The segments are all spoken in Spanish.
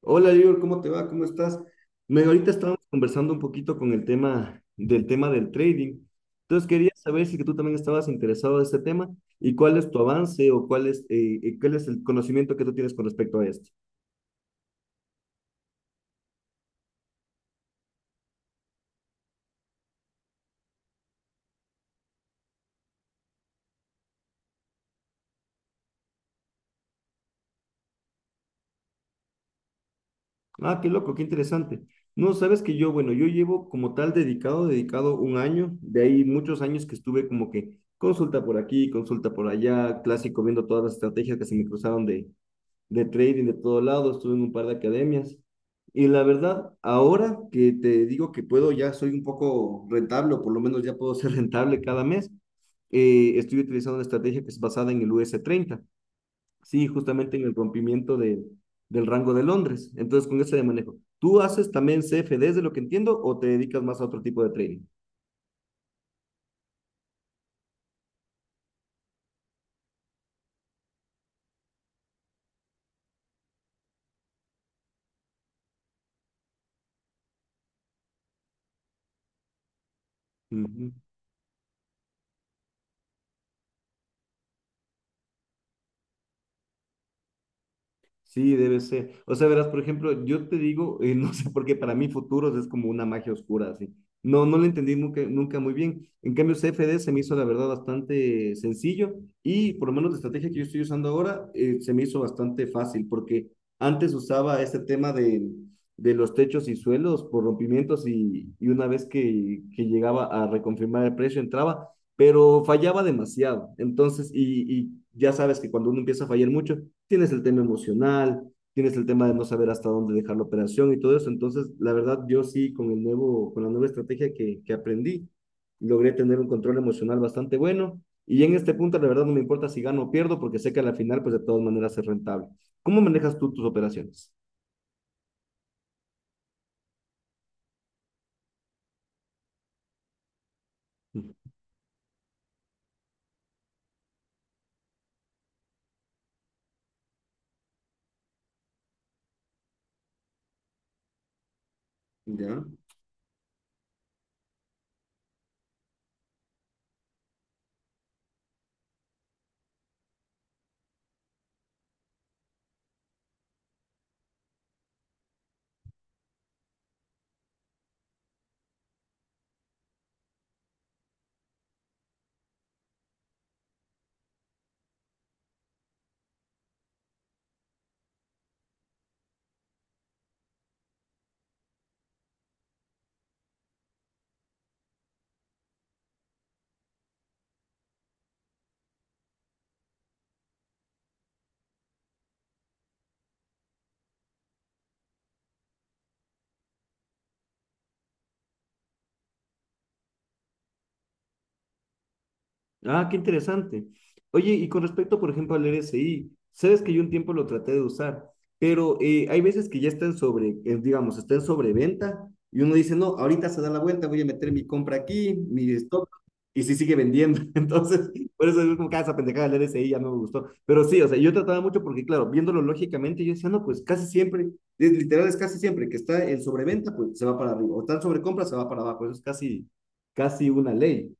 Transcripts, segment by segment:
Hola, Lior, ¿cómo te va? ¿Cómo estás? Ahorita estábamos conversando un poquito con el tema del trading. Entonces quería saber si que tú también estabas interesado en este tema y cuál es tu avance o cuál es el conocimiento que tú tienes con respecto a esto. Ah, qué loco, qué interesante. No, sabes que yo, bueno, yo llevo como tal dedicado un año, de ahí muchos años que estuve como que consulta por aquí, consulta por allá, clásico, viendo todas las estrategias que se me cruzaron de trading de todo lado, estuve en un par de academias. Y la verdad, ahora que te digo que puedo, ya soy un poco rentable, o por lo menos ya puedo ser rentable cada mes, estoy utilizando una estrategia que es basada en el us treinta sí, justamente en el rompimiento de, del rango de Londres. Entonces, con ese de manejo. ¿Tú haces también CFDs de lo que entiendo o te dedicas más a otro tipo de trading? Ujú. Sí, debe ser. O sea, verás, por ejemplo, yo te digo, no sé por qué para mí futuros es como una magia oscura, así. No, no lo entendí nunca, nunca muy bien. En cambio, CFD se me hizo, la verdad, bastante sencillo y por lo menos la estrategia que yo estoy usando ahora se me hizo bastante fácil porque antes usaba este tema de los techos y suelos por rompimientos y una vez que llegaba a reconfirmar el precio, entraba pero fallaba demasiado. Entonces, ya sabes que cuando uno empieza a fallar mucho, tienes el tema emocional, tienes el tema de no saber hasta dónde dejar la operación y todo eso. Entonces, la verdad, yo sí, con el nuevo, con la nueva estrategia que aprendí, logré tener un control emocional bastante bueno. Y en este punto, la verdad, no me importa si gano o pierdo, porque sé que a la final, pues de todas maneras es rentable. ¿Cómo manejas tú tus operaciones? ¿Ya? Ah, qué interesante. Oye, y con respecto, por ejemplo, al RSI, sabes que yo un tiempo lo traté de usar, pero hay veces que ya está en sobre, digamos, está en sobreventa y uno dice, no, ahorita se da la vuelta, voy a meter mi compra aquí, mi stop, y si sigue vendiendo. Entonces, por eso es como que "Ah, esa pendejada del RSI ya no me gustó." Pero sí, o sea, yo trataba mucho porque, claro, viéndolo lógicamente, yo decía, no, pues casi siempre, literal es casi siempre que está en sobreventa, pues se va para arriba, o está en sobrecompra, se va para abajo. Eso es casi, casi una ley.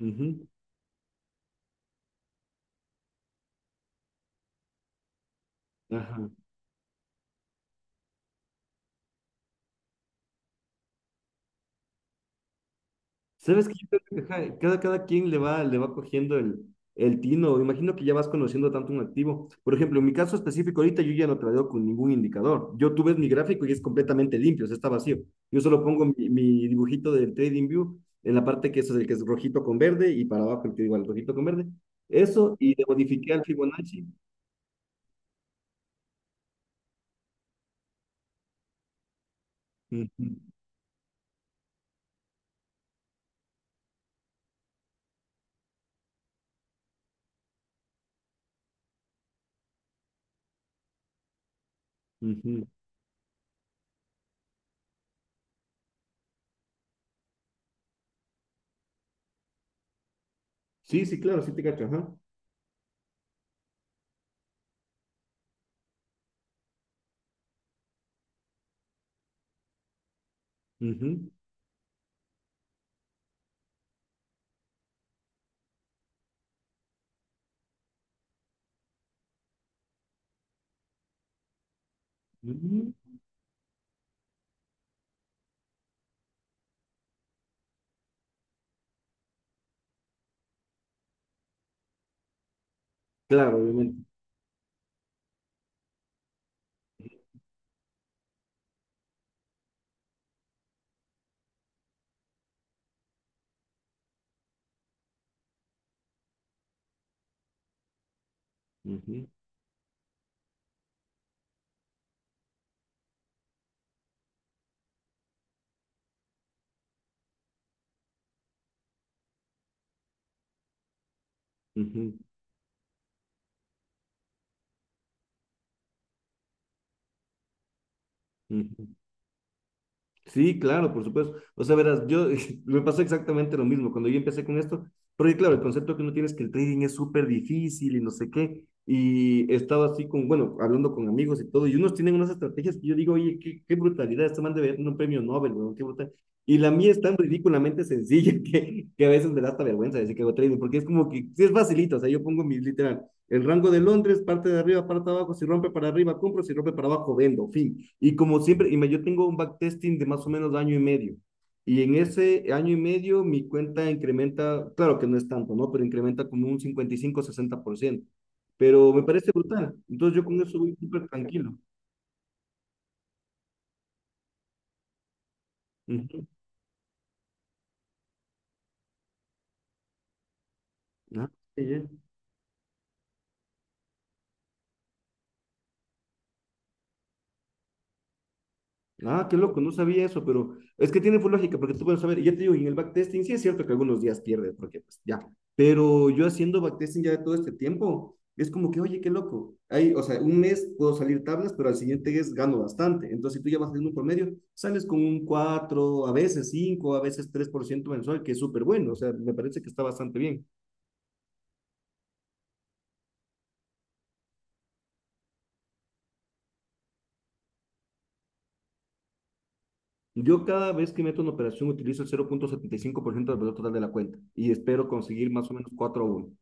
Ujú. Ajá. Sabes que yo creo que, ajá, cada quien le va cogiendo el tino. Imagino que ya vas conociendo tanto un activo. Por ejemplo, en mi caso específico, ahorita yo ya no traigo con ningún indicador. Yo tú ves mi gráfico y es completamente limpio, o sea, está vacío. Yo solo pongo mi dibujito del TradingView en la parte que es el que es rojito con verde y para abajo el que igual rojito con verde. Eso y le modifiqué al Fibonacci. Ujú, ujú. Sí, sí, claro, sí te cacho. Ajá. Ujú, ujú. Claro, obviamente. Ujú, ujú, ujú. Sí, claro, por supuesto. O sea, verás, yo me pasó exactamente lo mismo cuando yo empecé con esto, porque claro, el concepto que uno tiene es que el trading es súper difícil y no sé qué, y he estado así con, bueno, hablando con amigos y todo, y unos tienen unas estrategias que yo digo, oye, qué brutalidad, este man debe ganar un premio Nobel, weón, qué brutal. Y la mía es tan ridículamente sencilla que a veces me da hasta vergüenza decir que hago trading, porque es como que sí es facilito, o sea, yo pongo mis, literal, el rango de Londres, parte de arriba, parte de abajo, si rompe para arriba, compro, si rompe para abajo, vendo, fin. Y como siempre, yo tengo un backtesting de más o menos año y medio. Y en ese año y medio mi cuenta incrementa, claro que no es tanto, ¿no? Pero incrementa como un 55 a 60%. Pero me parece brutal. Entonces yo con eso voy súper tranquilo. Uh -huh. Ah, sí, yeah. Ah, qué loco, no sabía eso, pero es que tiene full lógica, porque tú puedes saber, y ya te digo, en el backtesting sí es cierto que algunos días pierdes, porque pues ya, pero yo haciendo backtesting ya de todo este tiempo, es como que, oye, qué loco, ahí, o sea, un mes puedo salir tablas, pero al siguiente es gano bastante, entonces si tú ya vas haciendo un promedio, sales con un 4, a veces 5, a veces 3% mensual, que es súper bueno, o sea, me parece que está bastante bien. Yo cada vez que meto una operación utilizo el 0,75% del valor total de la cuenta y espero conseguir más o menos 4 a uno.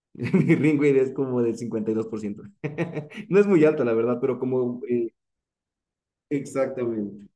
Mi ring rate es como del 52%. No es muy alto, la verdad, pero como... exactamente.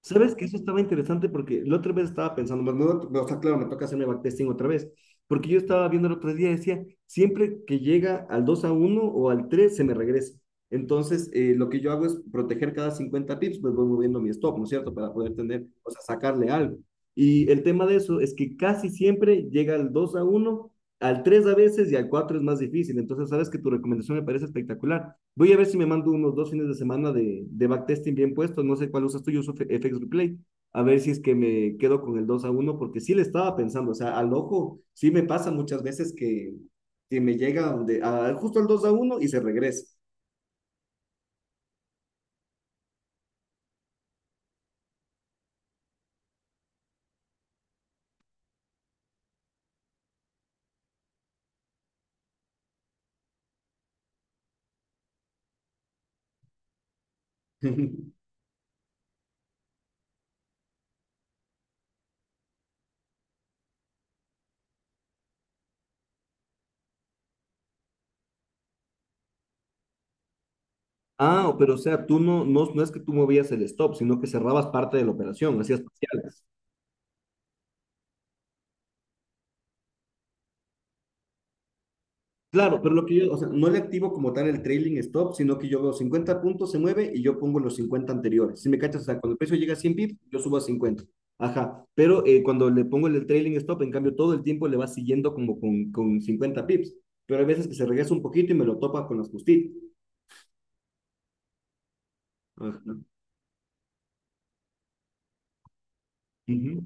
¿Sabes que eso estaba interesante? Porque la otra vez estaba pensando, más, no, no, o sea, claro, me toca hacerme backtesting otra vez, porque yo estaba viendo el otro día, decía, siempre que llega al 2 a uno o al 3 se me regresa. Entonces, lo que yo hago es proteger cada 50 pips, pues voy moviendo mi stop, ¿no es cierto? Para poder tener, o sea, sacarle algo. Y el tema de eso es que casi siempre llega al 2 a uno, al 3 a veces y al 4 es más difícil. Entonces, sabes que tu recomendación me parece espectacular. Voy a ver si me mando unos dos fines de semana de backtesting bien puesto. No sé cuál usas tú, yo uso FX Replay. A ver si es que me quedo con el 2 a uno porque sí le estaba pensando. O sea, al ojo, sí me pasa muchas veces que me llega donde, justo al 2 a uno y se regresa. Ah, pero o sea, tú no, no, no es que tú movías el stop, sino que cerrabas parte de la operación, hacías parciales. Claro, pero lo que yo, o sea, no le activo como tal el trailing stop, sino que yo veo cincuenta puntos, se mueve y yo pongo los 50 anteriores. Si me cachas, o sea, cuando el precio llega a 100 pips, yo subo a 50. Ajá, pero cuando le pongo el trailing stop, en cambio, todo el tiempo le va siguiendo como con 50 pips. Pero hay veces que se regresa un poquito y me lo topa con las justitas. Ajá. Ujú.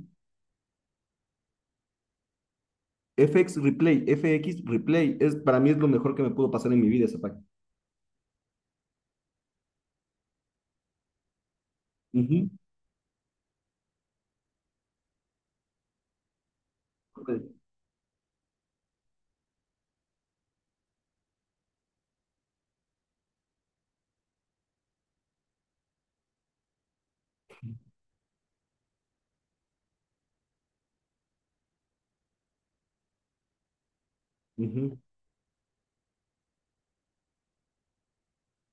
FX Replay, FX Replay, es, para mí es lo mejor que me pudo pasar en mi vida esa página. Ujú. Ok. Ujú.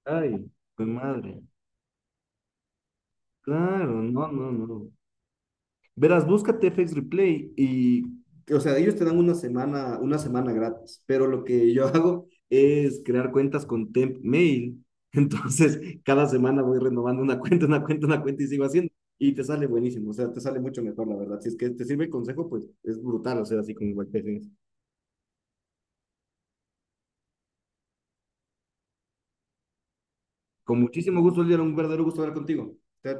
Ay, qué madre. Claro, no, no, no. Verás, búscate FX Replay y, o sea, ellos te dan una semana gratis, pero lo que yo hago es crear cuentas con Temp Mail. Entonces, cada semana voy renovando una cuenta, una cuenta, una cuenta y sigo haciendo. Y te sale buenísimo, o sea, te sale mucho mejor, la verdad. Si es que te sirve el consejo, pues es brutal hacer así con WordPress. Con muchísimo gusto, Lidia, un verdadero gusto hablar contigo. Te-